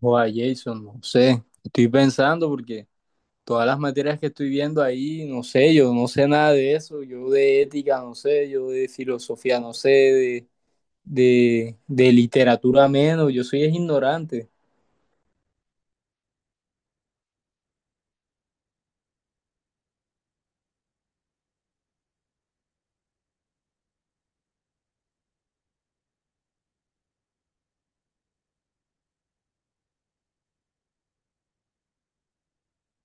O a Jason, no sé. Estoy pensando porque todas las materias que estoy viendo ahí, no sé, yo no sé nada de eso. Yo de ética, no sé, yo de filosofía, no sé, de literatura menos. Yo soy es ignorante.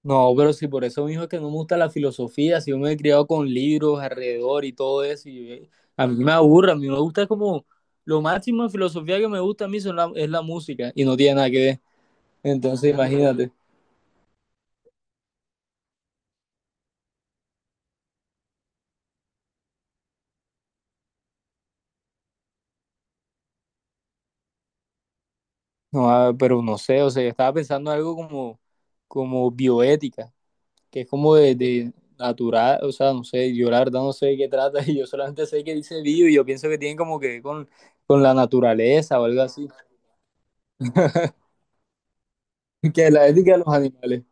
No, pero si por eso mismo es que no me gusta la filosofía, si yo me he criado con libros alrededor y todo eso, a mí me aburre, a mí me gusta como lo máximo de filosofía que me gusta a mí es la música y no tiene nada que ver. Entonces, imagínate. No, ah, pero no sé, o sea, yo estaba pensando algo como, como bioética, que es como de natural, o sea, no sé, yo la verdad no sé de qué trata y yo solamente sé que dice bio y yo pienso que tiene como que ver con la naturaleza o algo así, que la ética de los animales.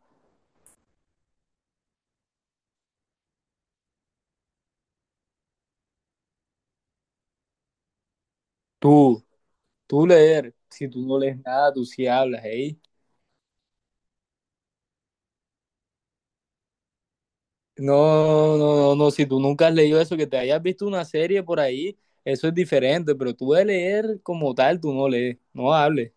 Tú, tú leer, si tú no lees nada, tú sí hablas, ¿eh? No, no, no, no, si tú nunca has leído eso, que te hayas visto una serie por ahí, eso es diferente, pero tú de leer como tal, tú no lees, no hables.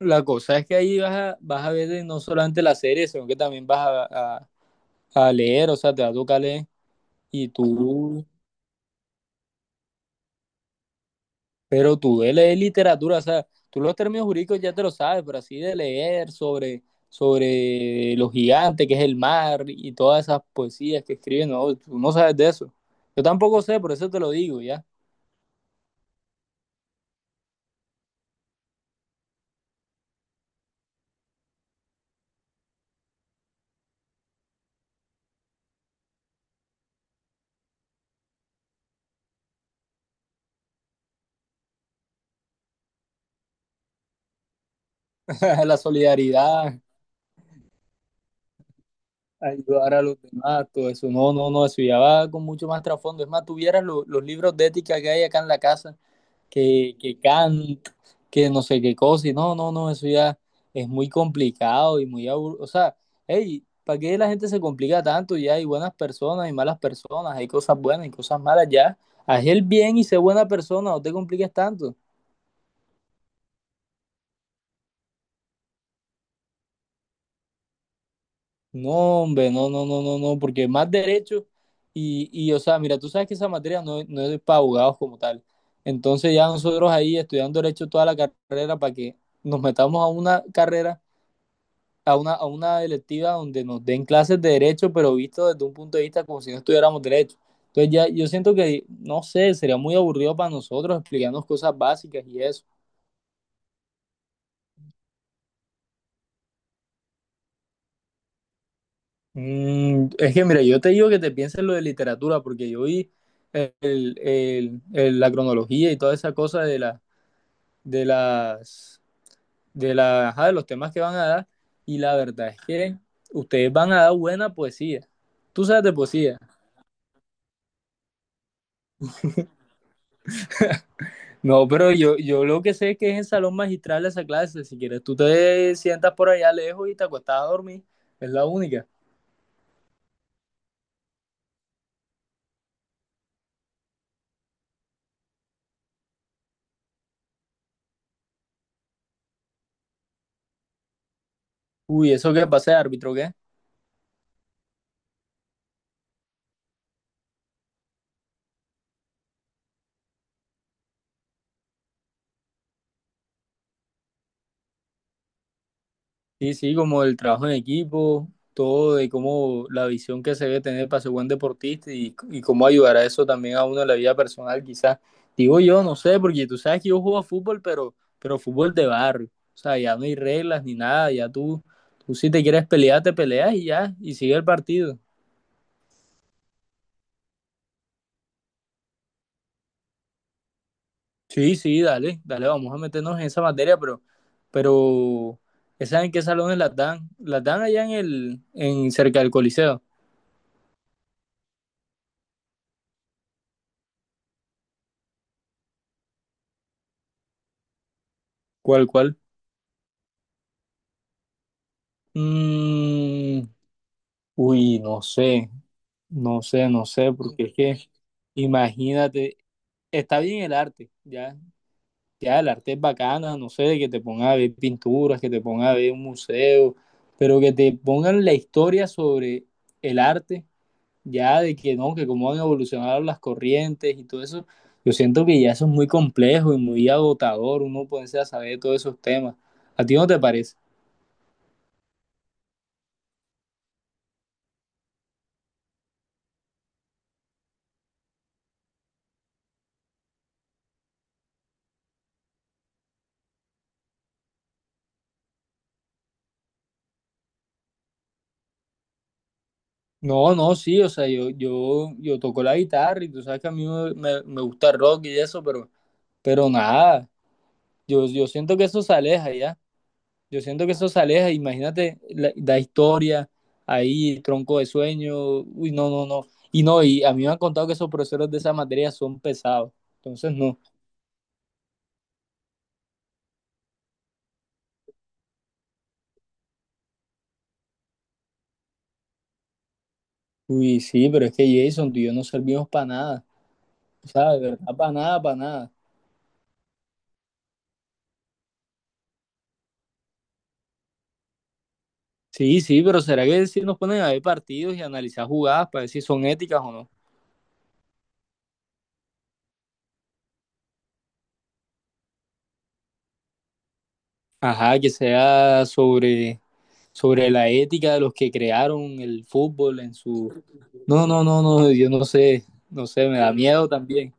La cosa es que ahí vas a ver de no solamente la serie, sino que también a, a- a leer, o sea, te va a tocar leer. Y tú, pero tú de leer literatura, o sea, tú los términos jurídicos ya te lo sabes, pero así de leer sobre, sobre los gigantes, que es el mar, y todas esas poesías que escriben, no, tú no sabes de eso. Yo tampoco sé, por eso te lo digo, ya. La solidaridad, ayudar a los demás, todo eso. No, no, no, eso ya va con mucho más trasfondo. Es más, tuvieras los libros de ética que hay acá en la casa. Que Kant, que no sé qué cosa, y no, no, no, eso ya es muy complicado y muy aburrido. O sea, hey, ¿para qué la gente se complica tanto? Ya hay buenas personas y malas personas, hay cosas buenas y cosas malas, ya. Haz el bien y sé buena persona, no te compliques tanto. No, hombre, no, no, no, no, no, porque más derecho o sea, mira, tú sabes que esa materia no, no es para abogados como tal. Entonces ya nosotros ahí estudiando derecho toda la carrera para que nos metamos a una carrera a a una electiva donde nos den clases de derecho, pero visto desde un punto de vista como si no estudiáramos derecho. Entonces ya yo siento que, no sé, sería muy aburrido para nosotros explicarnos cosas básicas y eso. Mm, es que, mira, yo te digo que te pienses lo de literatura, porque yo vi el- la cronología y toda esa cosa de, la, de, las, de, la, ajá, de los temas que van a dar, y la verdad es que ustedes van a dar buena poesía. Tú sabes de poesía. No, pero yo lo que sé es que es en salón magistral esa clase. Si quieres, tú te sientas por allá lejos y te acuestas a dormir. Es la única. Uy, ¿eso qué pasa de árbitro qué? Sí, sí, como el trabajo en equipo, todo de cómo la visión que se debe tener para ser buen deportista y cómo ayudar a eso también a uno en la vida personal, quizás. Digo yo, no sé, porque tú sabes que yo juego a fútbol, pero fútbol de barrio. O sea, ya no hay reglas ni nada, tú si te quieres pelear, te peleas y ya, y sigue el partido. Sí, sí, dale, dale, vamos a meternos en esa materia, pero, ¿saben en qué salones las dan? Las dan allá en cerca del Coliseo. ¿Cuál, cuál? Mm, uy, no sé, no sé, no sé, porque es que, imagínate, está bien el arte, ya, ya el arte es bacana, no sé, que te pongan a ver pinturas, que te pongan a ver un museo, pero que te pongan la historia sobre el arte. Ya de que no, que cómo han evolucionado las corrientes y todo eso, yo siento que ya eso es muy complejo y muy agotador, uno ponerse a saber todos esos temas. ¿A ti no te parece? No, no, sí, o sea, yo toco la guitarra y tú sabes que a mí me gusta el rock y eso, pero nada, yo siento que eso se aleja ya, yo siento que eso se aleja, imagínate la historia ahí, tronco de sueño, uy, no, no, no, y no, y a mí me han contado que esos profesores de esa materia son pesados, entonces no. Uy, sí, pero es que Jason, tú y yo no servimos para nada. O sea, de verdad, para nada, para nada. Sí, sí, pero ¿será que si nos ponen a ver partidos y analizar jugadas para ver si son éticas o no? Ajá, que sea sobre, sobre la ética de los que crearon el fútbol en su... No, no, no, no, yo no sé, no sé, me da miedo también.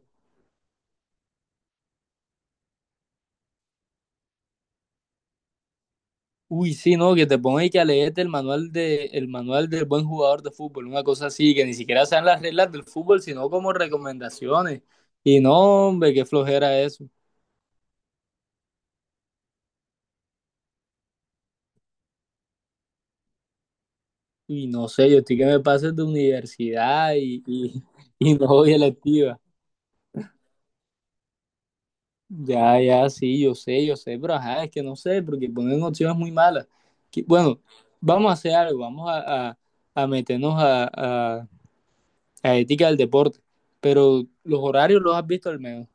Uy, sí, no, que te pongan y que a leerte el manual el manual del buen jugador de fútbol, una cosa así, que ni siquiera sean las reglas del fútbol, sino como recomendaciones. Y no, hombre, qué flojera eso. Y no sé, yo estoy que me paso de universidad y no voy electiva. Ya, ya, sí, yo sé, pero ajá, es que no sé, porque ponen opciones muy malas. Que- Bueno, vamos a hacer algo, a meternos a- a ética del deporte, pero los horarios los has visto al menos.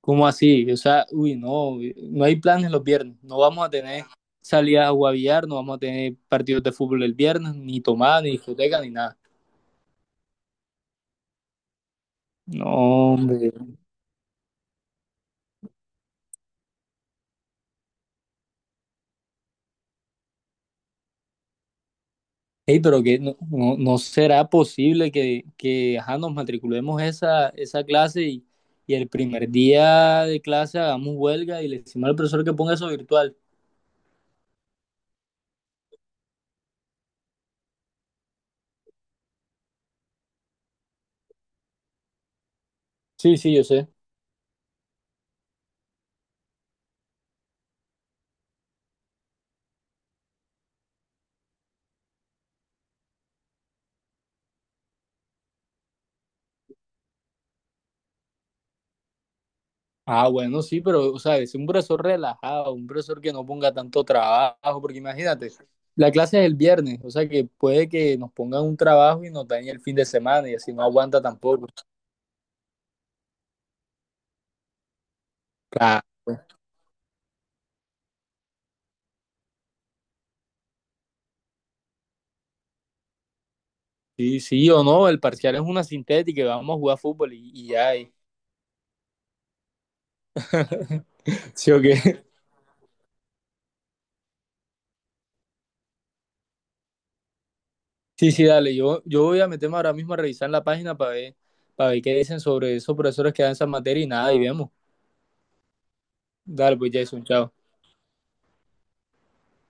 ¿Cómo así? O sea, uy, no, no hay planes los viernes, no vamos a tener salidas a guavillar, no vamos a tener partidos de fútbol el viernes, ni tomada, ni discoteca, ni nada. No, hombre. Ey, pero que no, no, no será posible que ajá, nos matriculemos esa clase y el primer día de clase hagamos huelga y le decimos al profesor que ponga eso virtual. Sí, sí, yo sé. Ah, bueno, sí, pero, o sea, es un profesor relajado, un profesor que no ponga tanto trabajo, porque imagínate, la clase es el viernes, o sea que puede que nos pongan un trabajo y nos dañe el fin de semana y así no aguanta tampoco. Claro. Sí, sí o no, el parcial es una sintética y vamos a jugar fútbol y ya. Sí, o qué. Sí, sí, dale. Yo voy a meterme ahora mismo a revisar la página para ver qué dicen sobre esos profesores que dan esa materia y nada, y vemos. Dale, pues Jason, chao.